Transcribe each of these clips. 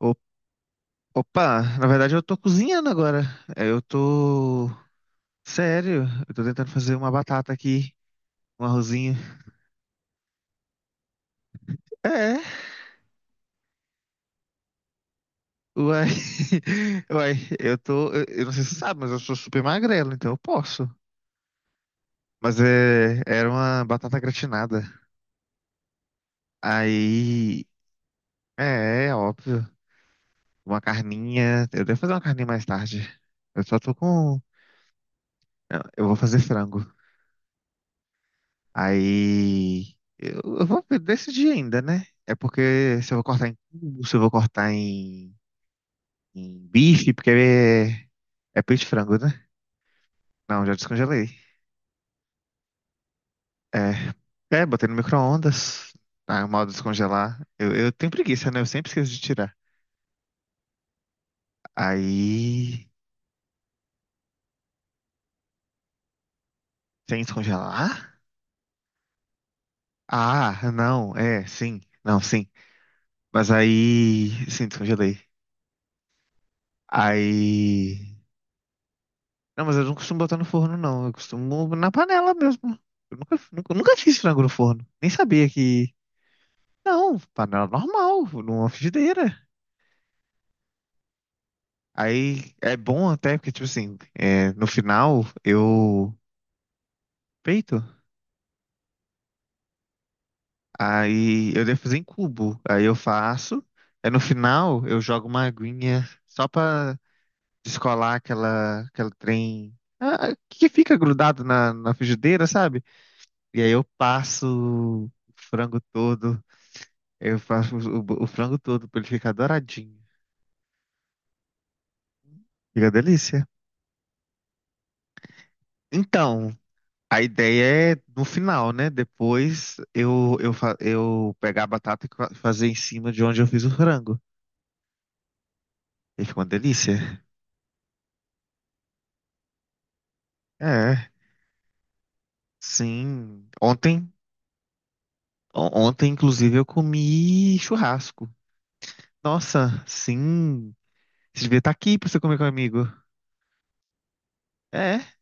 O- Opa, na verdade eu tô cozinhando agora. É, eu tô. Sério, eu tô tentando fazer uma batata aqui, um arrozinho. É, uai. Uai, eu tô. Eu não sei se você sabe, mas eu sou super magrelo, então eu posso. Mas é, era uma batata gratinada. Aí. É, é óbvio. Uma carninha. Eu devo fazer uma carninha mais tarde. Eu só tô com. Eu vou fazer frango. Aí eu vou decidir ainda, né? É porque se eu vou cortar em cubo, se eu vou cortar em, em bife, porque é, é peito de frango, né? Não, já descongelei. É, é, botei no micro-ondas. Ah, é o mal de descongelar. Eu tenho preguiça, né? Eu sempre esqueço de tirar. Aí, sem descongelar? Ah, não, é, sim. Não, sim. Mas aí, sim, descongelei. Aí. Não, mas eu não costumo botar no forno, não. Eu costumo na panela mesmo. Eu nunca, nunca, nunca fiz frango no forno. Nem sabia que. Não, panela normal, numa frigideira. Aí é bom até, porque, tipo assim, é, no final eu peito. Aí eu devo fazer em cubo. Aí eu faço. Aí no final eu jogo uma aguinha só pra descolar aquela, aquela trem. Que fica grudado na, na frigideira, sabe? E aí eu passo o frango todo. Eu faço o frango todo pra ele ficar douradinho. Fica delícia. Então, a ideia é no final, né? Depois eu pegar a batata e fazer em cima de onde eu fiz o frango. E fica uma delícia. É, sim. Ontem, ontem, inclusive, eu comi churrasco. Nossa, sim. Você devia estar aqui pra você comer comigo. É,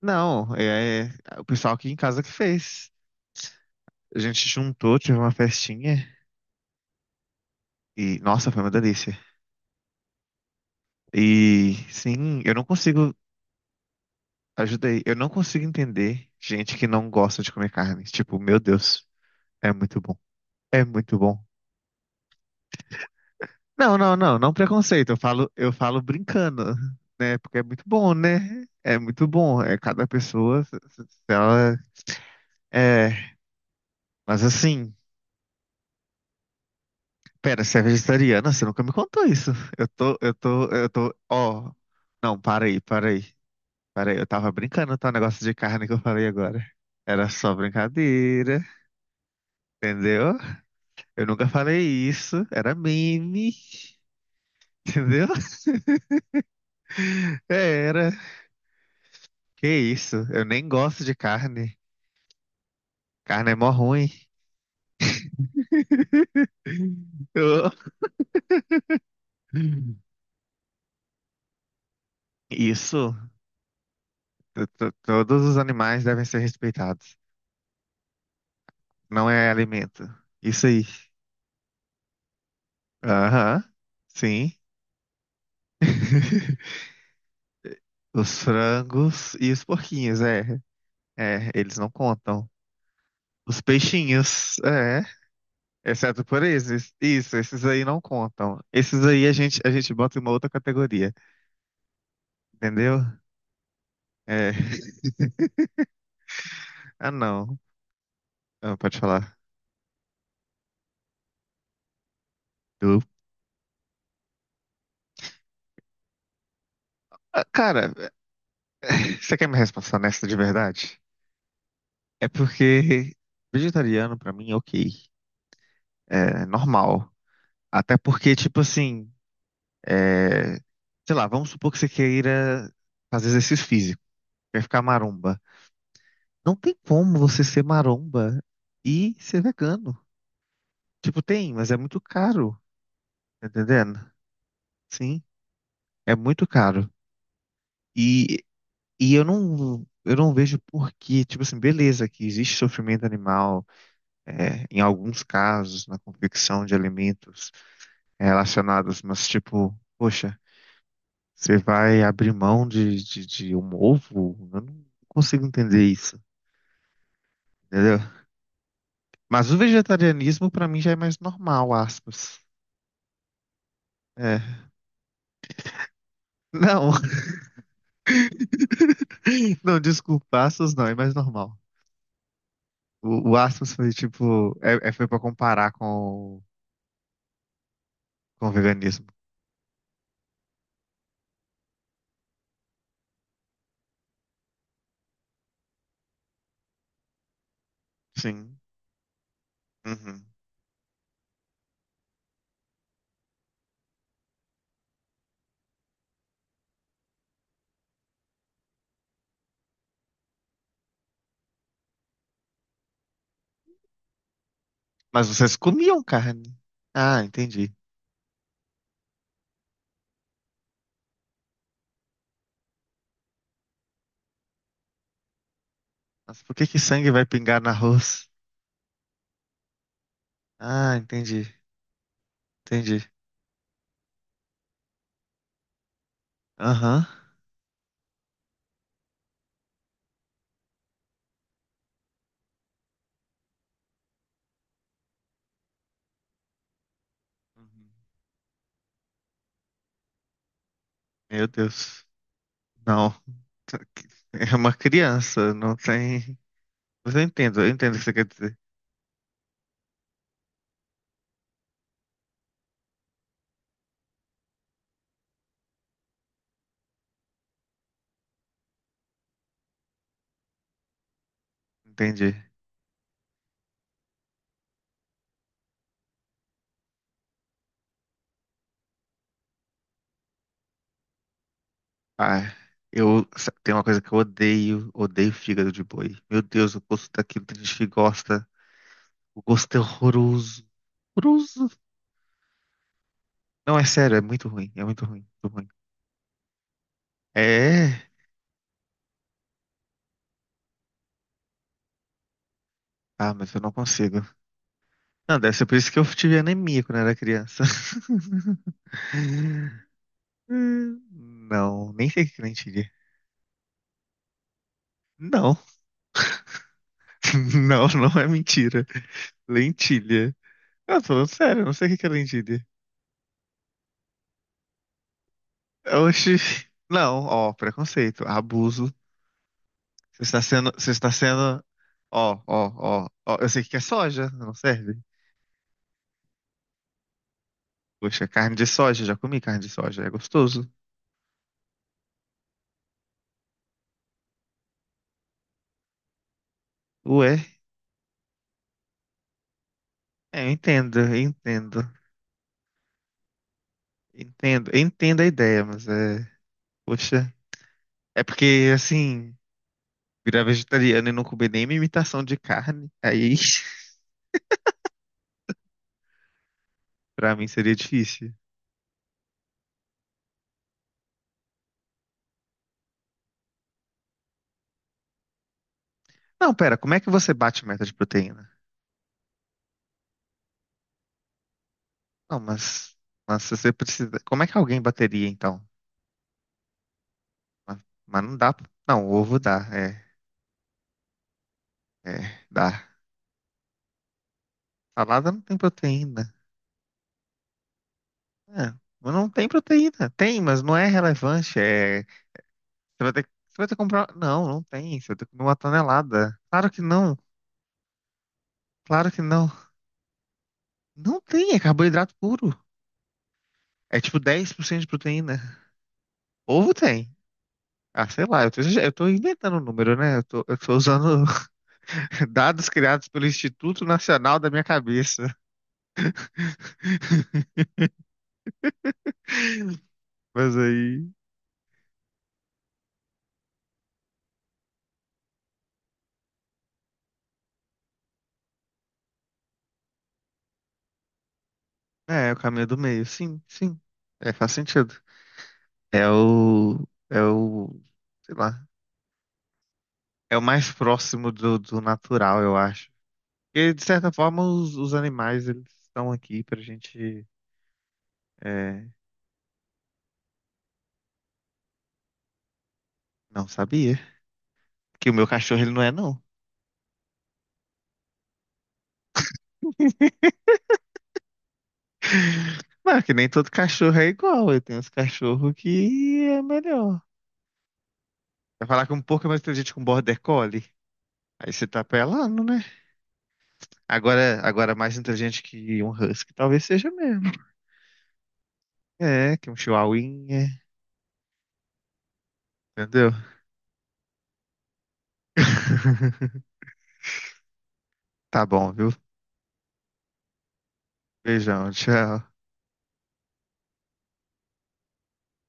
não. É, é o pessoal aqui em casa que fez. A gente juntou, tive uma festinha. E, nossa, foi uma delícia. E sim, eu não consigo. Ajudei. Eu não consigo entender gente que não gosta de comer carne. Tipo, meu Deus, é muito bom. É muito bom. Não, não, não, não preconceito. Eu falo brincando, né? Porque é muito bom, né? É muito bom. É cada pessoa, se ela é. Mas assim, pera, você é vegetariana? Você nunca me contou isso. Eu tô. Ó, não, para aí, para aí, para aí. Eu tava brincando, tá? O negócio de carne que eu falei agora. Era só brincadeira. Entendeu? Eu nunca falei isso. Era meme. Entendeu? É, era. Que isso? Eu nem gosto de carne. Carne é mó ruim. Eu- Isso. Todos os animais devem ser respeitados. Não é alimento. Isso aí. Aham. Sim. Os frangos e os porquinhos, é. É, eles não contam. Os peixinhos, é. Exceto por esses. Isso, esses aí não contam. Esses aí a gente bota em uma outra categoria, entendeu? É. Ah, não. Ah, pode falar. Du. Ah, cara, você quer me resposta nessa de verdade? É porque vegetariano pra mim é ok. É normal. Até porque, tipo assim, é... sei lá, vamos supor que você queira fazer exercício físico, quer ficar maromba. Não tem como você ser maromba e ser vegano. Tipo, tem, mas é muito caro. Tá entendendo? Sim, é muito caro. E, eu não vejo por que, tipo assim, beleza, que existe sofrimento animal, é, em alguns casos, na confecção de alimentos relacionados, mas tipo, poxa, você vai abrir mão de um ovo? Eu não consigo entender isso, entendeu? Mas o vegetarianismo, pra mim, já é mais normal, aspas. É. Não, não, desculpa, aspas não, é mais normal. O Asmus foi tipo. Foi pra comparar com, com o veganismo. Sim. Uhum. Mas vocês comiam carne. Ah, entendi. Mas por que que sangue vai pingar no arroz? Ah, entendi. Entendi. Aham. Uhum. Meu Deus. Não. É uma criança, não tem. Mas eu entendo o que você quer dizer. Entendi. Ah, eu. Tem uma coisa que eu odeio, odeio fígado de boi. Meu Deus, o gosto daquilo, tem gente que gosta. O gosto é horroroso. Horroroso. Não, é sério, é muito ruim. É muito ruim. Muito ruim. É. Ah, mas eu não consigo. Não, deve ser por isso que eu tive anemia quando era criança. Hum, não, nem sei o que é lentilha. Não, não é mentira. Lentilha. Eu tô falando sério, eu não sei o que é lentilha. Oxi. Não, ó, preconceito, abuso. Você está sendo, ó, ó, ó, ó, eu sei que é soja, não serve. Poxa, carne de soja, já comi carne de soja, é gostoso. Ué, é, eu entendo a ideia, mas é, poxa, é porque assim, virar vegetariano e não comer nenhuma imitação de carne, aí pra mim seria difícil. Não, pera, como é que você bate meta de proteína? Não, mas se você precisa, como é que alguém bateria então? Mas, mas não dá, não, ovo dá, é, é, dá. Salada não tem proteína. É, mas não tem proteína. Tem, mas não é relevante. É, você vai ter que comprar. Não, não tem. Você vai ter que comer uma tonelada. Claro que não. Claro que não. Não tem, é carboidrato puro. É tipo 10% de proteína. Ovo tem. Ah, sei lá, eu tô, eu tô inventando o número, né? Eu tô usando dados criados pelo Instituto Nacional da minha cabeça. Mas aí. É, é o caminho do meio. Sim, sim. É, faz sentido. É o. É o. Sei lá. É o mais próximo do, do natural, eu acho. Porque, de certa forma, os animais, eles estão aqui pra gente... é, não sabia. Que o meu cachorro, ele não é, não. Mas que nem todo cachorro é igual. Eu tenho uns cachorros que é melhor. Vai falar que um pouco é mais inteligente com um border collie. Aí você tá apelando, né? Agora, agora mais inteligente que um husky, talvez seja mesmo. É, que um chihuahuinha, entendeu? Tá bom, viu? Beijão, tchau.